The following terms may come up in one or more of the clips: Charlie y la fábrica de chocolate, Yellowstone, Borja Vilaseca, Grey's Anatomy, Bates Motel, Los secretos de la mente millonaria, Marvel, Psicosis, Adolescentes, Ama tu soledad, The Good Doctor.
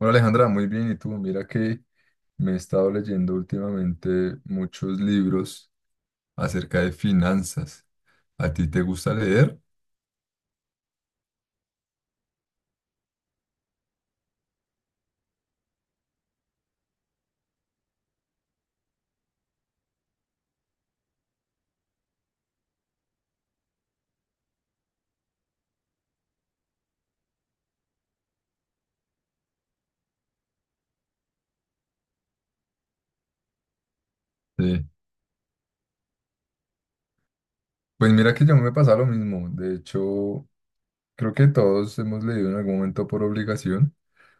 Hola Alejandra, muy bien. ¿Y tú? Mira que me he estado leyendo últimamente muchos libros acerca de finanzas. ¿A ti te gusta leer? Sí. Pues mira que yo me pasa lo mismo. De hecho, creo que todos hemos leído en algún momento por obligación.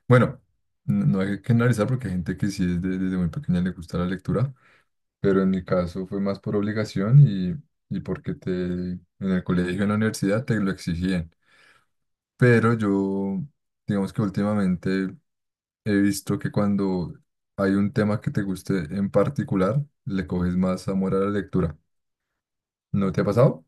Bueno, no hay que analizar porque hay gente que sí desde muy pequeña le gusta la lectura, pero en mi caso fue más por obligación y porque te, en el colegio, en la universidad te lo exigían. Pero yo, digamos que últimamente he visto que cuando hay un tema que te guste en particular, le coges más amor a la lectura. ¿No te ha pasado?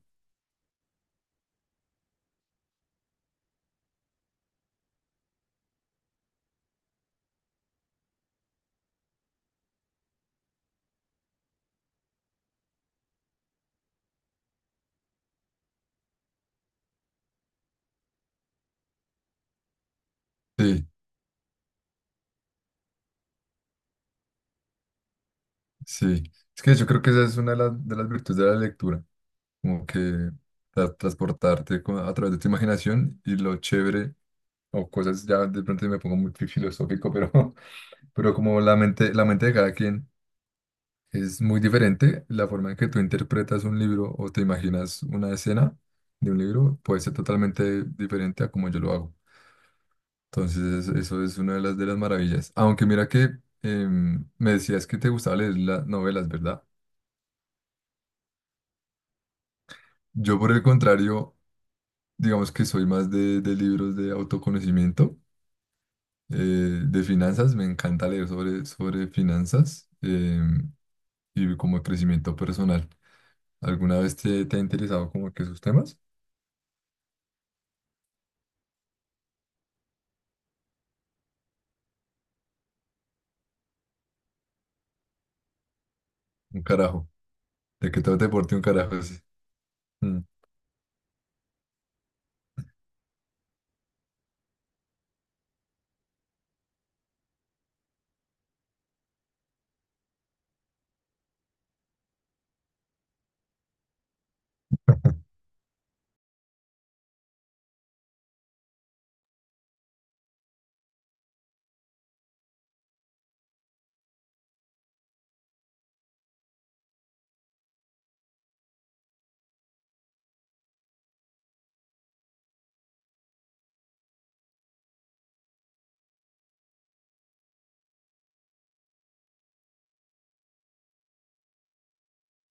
Sí, sí. Es que yo creo que esa es una de las virtudes de la lectura, como que transportarte a través de tu imaginación y lo chévere, o cosas ya de pronto me pongo muy filosófico, pero, pero como la mente de cada quien es muy diferente, la forma en que tú interpretas un libro o te imaginas una escena de un libro puede ser totalmente diferente a como yo lo hago. Entonces, eso es una de las maravillas. Aunque mira que me decías que te gustaba leer las novelas, ¿verdad? Yo, por el contrario, digamos que soy más de libros de autoconocimiento, de finanzas. Me encanta leer sobre finanzas y como crecimiento personal. ¿Alguna vez te ha interesado como que esos temas? Un carajo. ¿De qué trata deporte un carajo? Sí. Mm.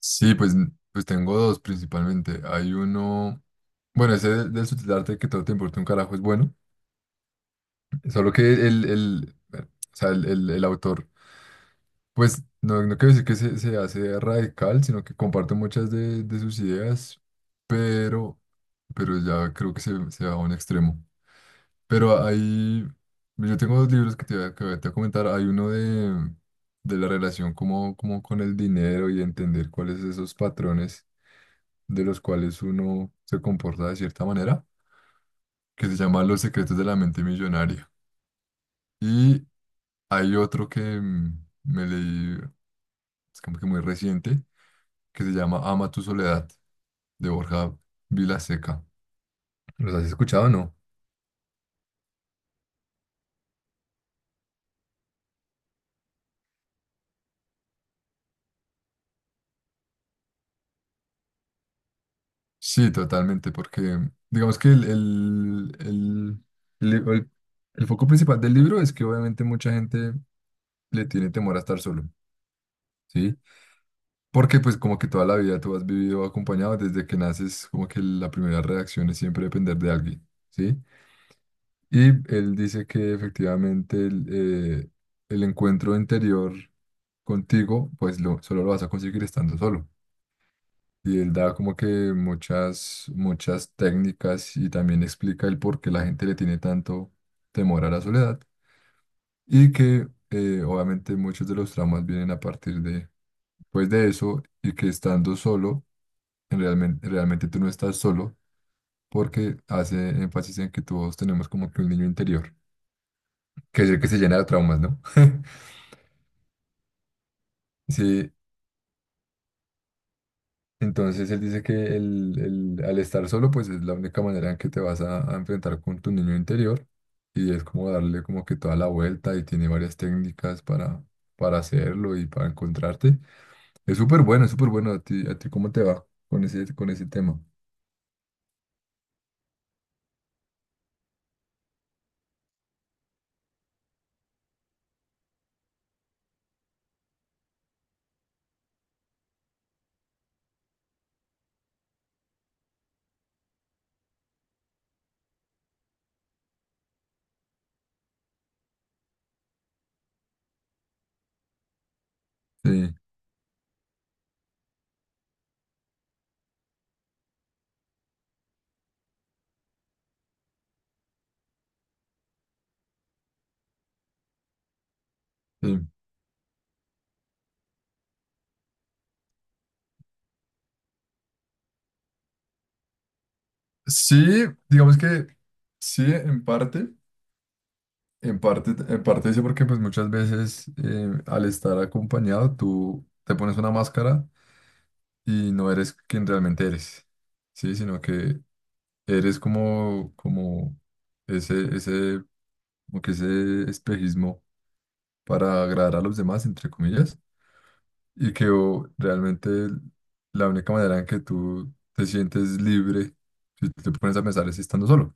Sí, pues, pues tengo dos principalmente. Hay uno... Bueno, ese del subtitularte que todo te importa un carajo es bueno. Solo que o sea, el autor, pues no quiero decir que se hace radical, sino que comparte muchas de sus ideas, pero, pero ya creo que se va a un extremo. Pero hay, yo tengo dos libros que que te voy a comentar. Hay uno de la relación como, como con el dinero y entender cuáles esos patrones de los cuales uno se comporta de cierta manera, que se llama Los Secretos de la Mente Millonaria. Y hay otro que me leí, es como que muy reciente, que se llama Ama Tu Soledad, de Borja Vilaseca. ¿Los has escuchado o no? Sí, totalmente, porque digamos que el, el- el foco principal del libro es que obviamente mucha gente le tiene temor a estar solo, ¿sí? Porque pues como que toda la vida tú has vivido acompañado desde que naces, como que la primera reacción es siempre depender de alguien, ¿sí? Y él dice que efectivamente eh, el encuentro interior contigo, pues solo lo vas a conseguir estando solo. Y él da como que muchas, muchas técnicas y también explica el por qué la gente le tiene tanto temor a la soledad. Y que obviamente muchos de los traumas vienen a partir de, pues de eso y que estando solo, en realmente, realmente tú no estás solo porque hace énfasis en que todos tenemos como que un niño interior, que es el que se llena de traumas, ¿no? Sí, entonces él dice que al estar solo, pues es la única manera en que te vas a enfrentar con tu niño interior y es como darle como que toda la vuelta y tiene varias técnicas para hacerlo y para encontrarte. Es súper bueno, es súper bueno. A ti cómo te va con ese tema? Sí, sí. Sí, digamos que sí, en parte. En parte, en parte sí, porque pues muchas veces al estar acompañado tú te pones una máscara y no eres quien realmente eres, ¿sí? Sino que eres como, como ese, ese, como que ese espejismo para agradar a los demás, entre comillas, y que o, realmente la única manera en que tú te sientes libre, si te pones a pensar, es estando solo,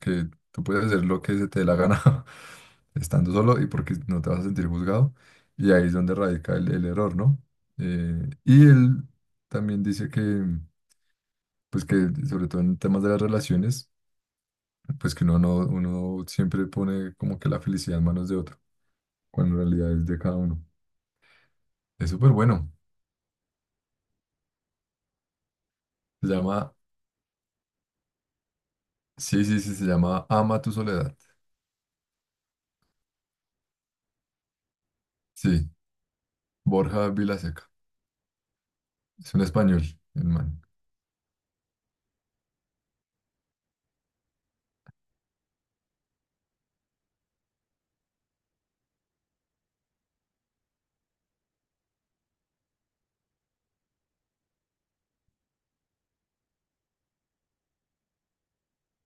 que tú puedes hacer lo que se te dé la gana estando solo y porque no te vas a sentir juzgado, y ahí es donde radica el error, ¿no? Y él también dice que... pues que sobre todo en temas de las relaciones, pues que uno no, uno siempre pone como que la felicidad en manos de otro, cuando en realidad es de cada uno. Es súper bueno. Se llama, sí, sí, sí, se llama Ama Tu Soledad. Sí, Borja Vilaseca. Es un español, el man.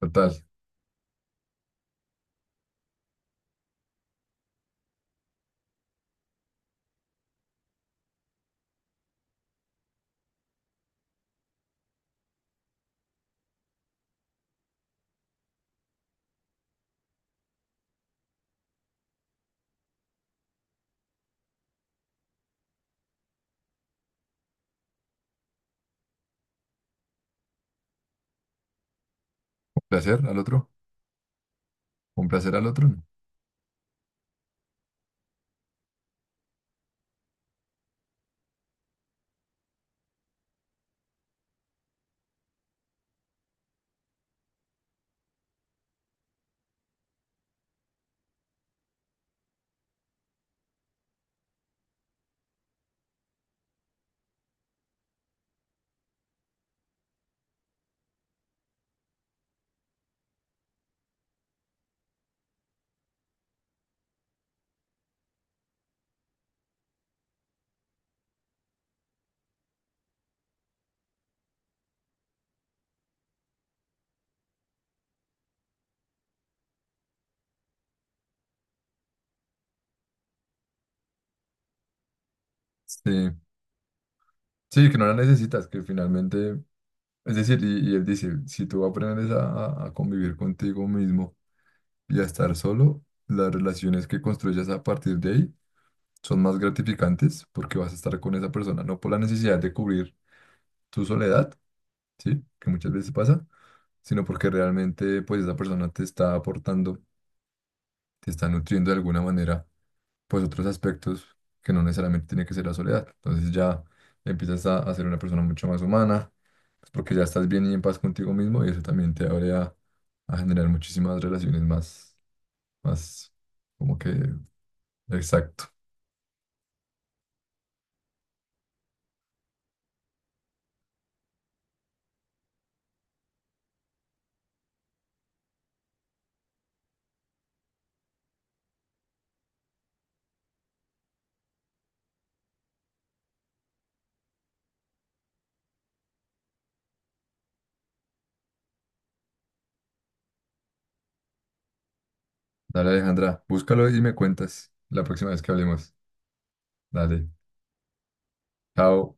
Total. Un placer al otro. Un placer al otro, ¿no? Sí, sí, que no la necesitas, que finalmente, es decir, y él dice, si tú aprendes a convivir contigo mismo y a estar solo, las relaciones que construyas a partir de ahí son más gratificantes porque vas a estar con esa persona, no por la necesidad de cubrir tu soledad, ¿sí? Que muchas veces pasa, sino porque realmente pues esa persona te está aportando, te está nutriendo de alguna manera, pues otros aspectos que no necesariamente tiene que ser la soledad. Entonces ya empiezas a ser una persona mucho más humana, pues porque ya estás bien y en paz contigo mismo y eso también te abre a generar muchísimas relaciones más, más como que exacto. Dale Alejandra, búscalo y me cuentas la próxima vez que hablemos. Dale. Chao.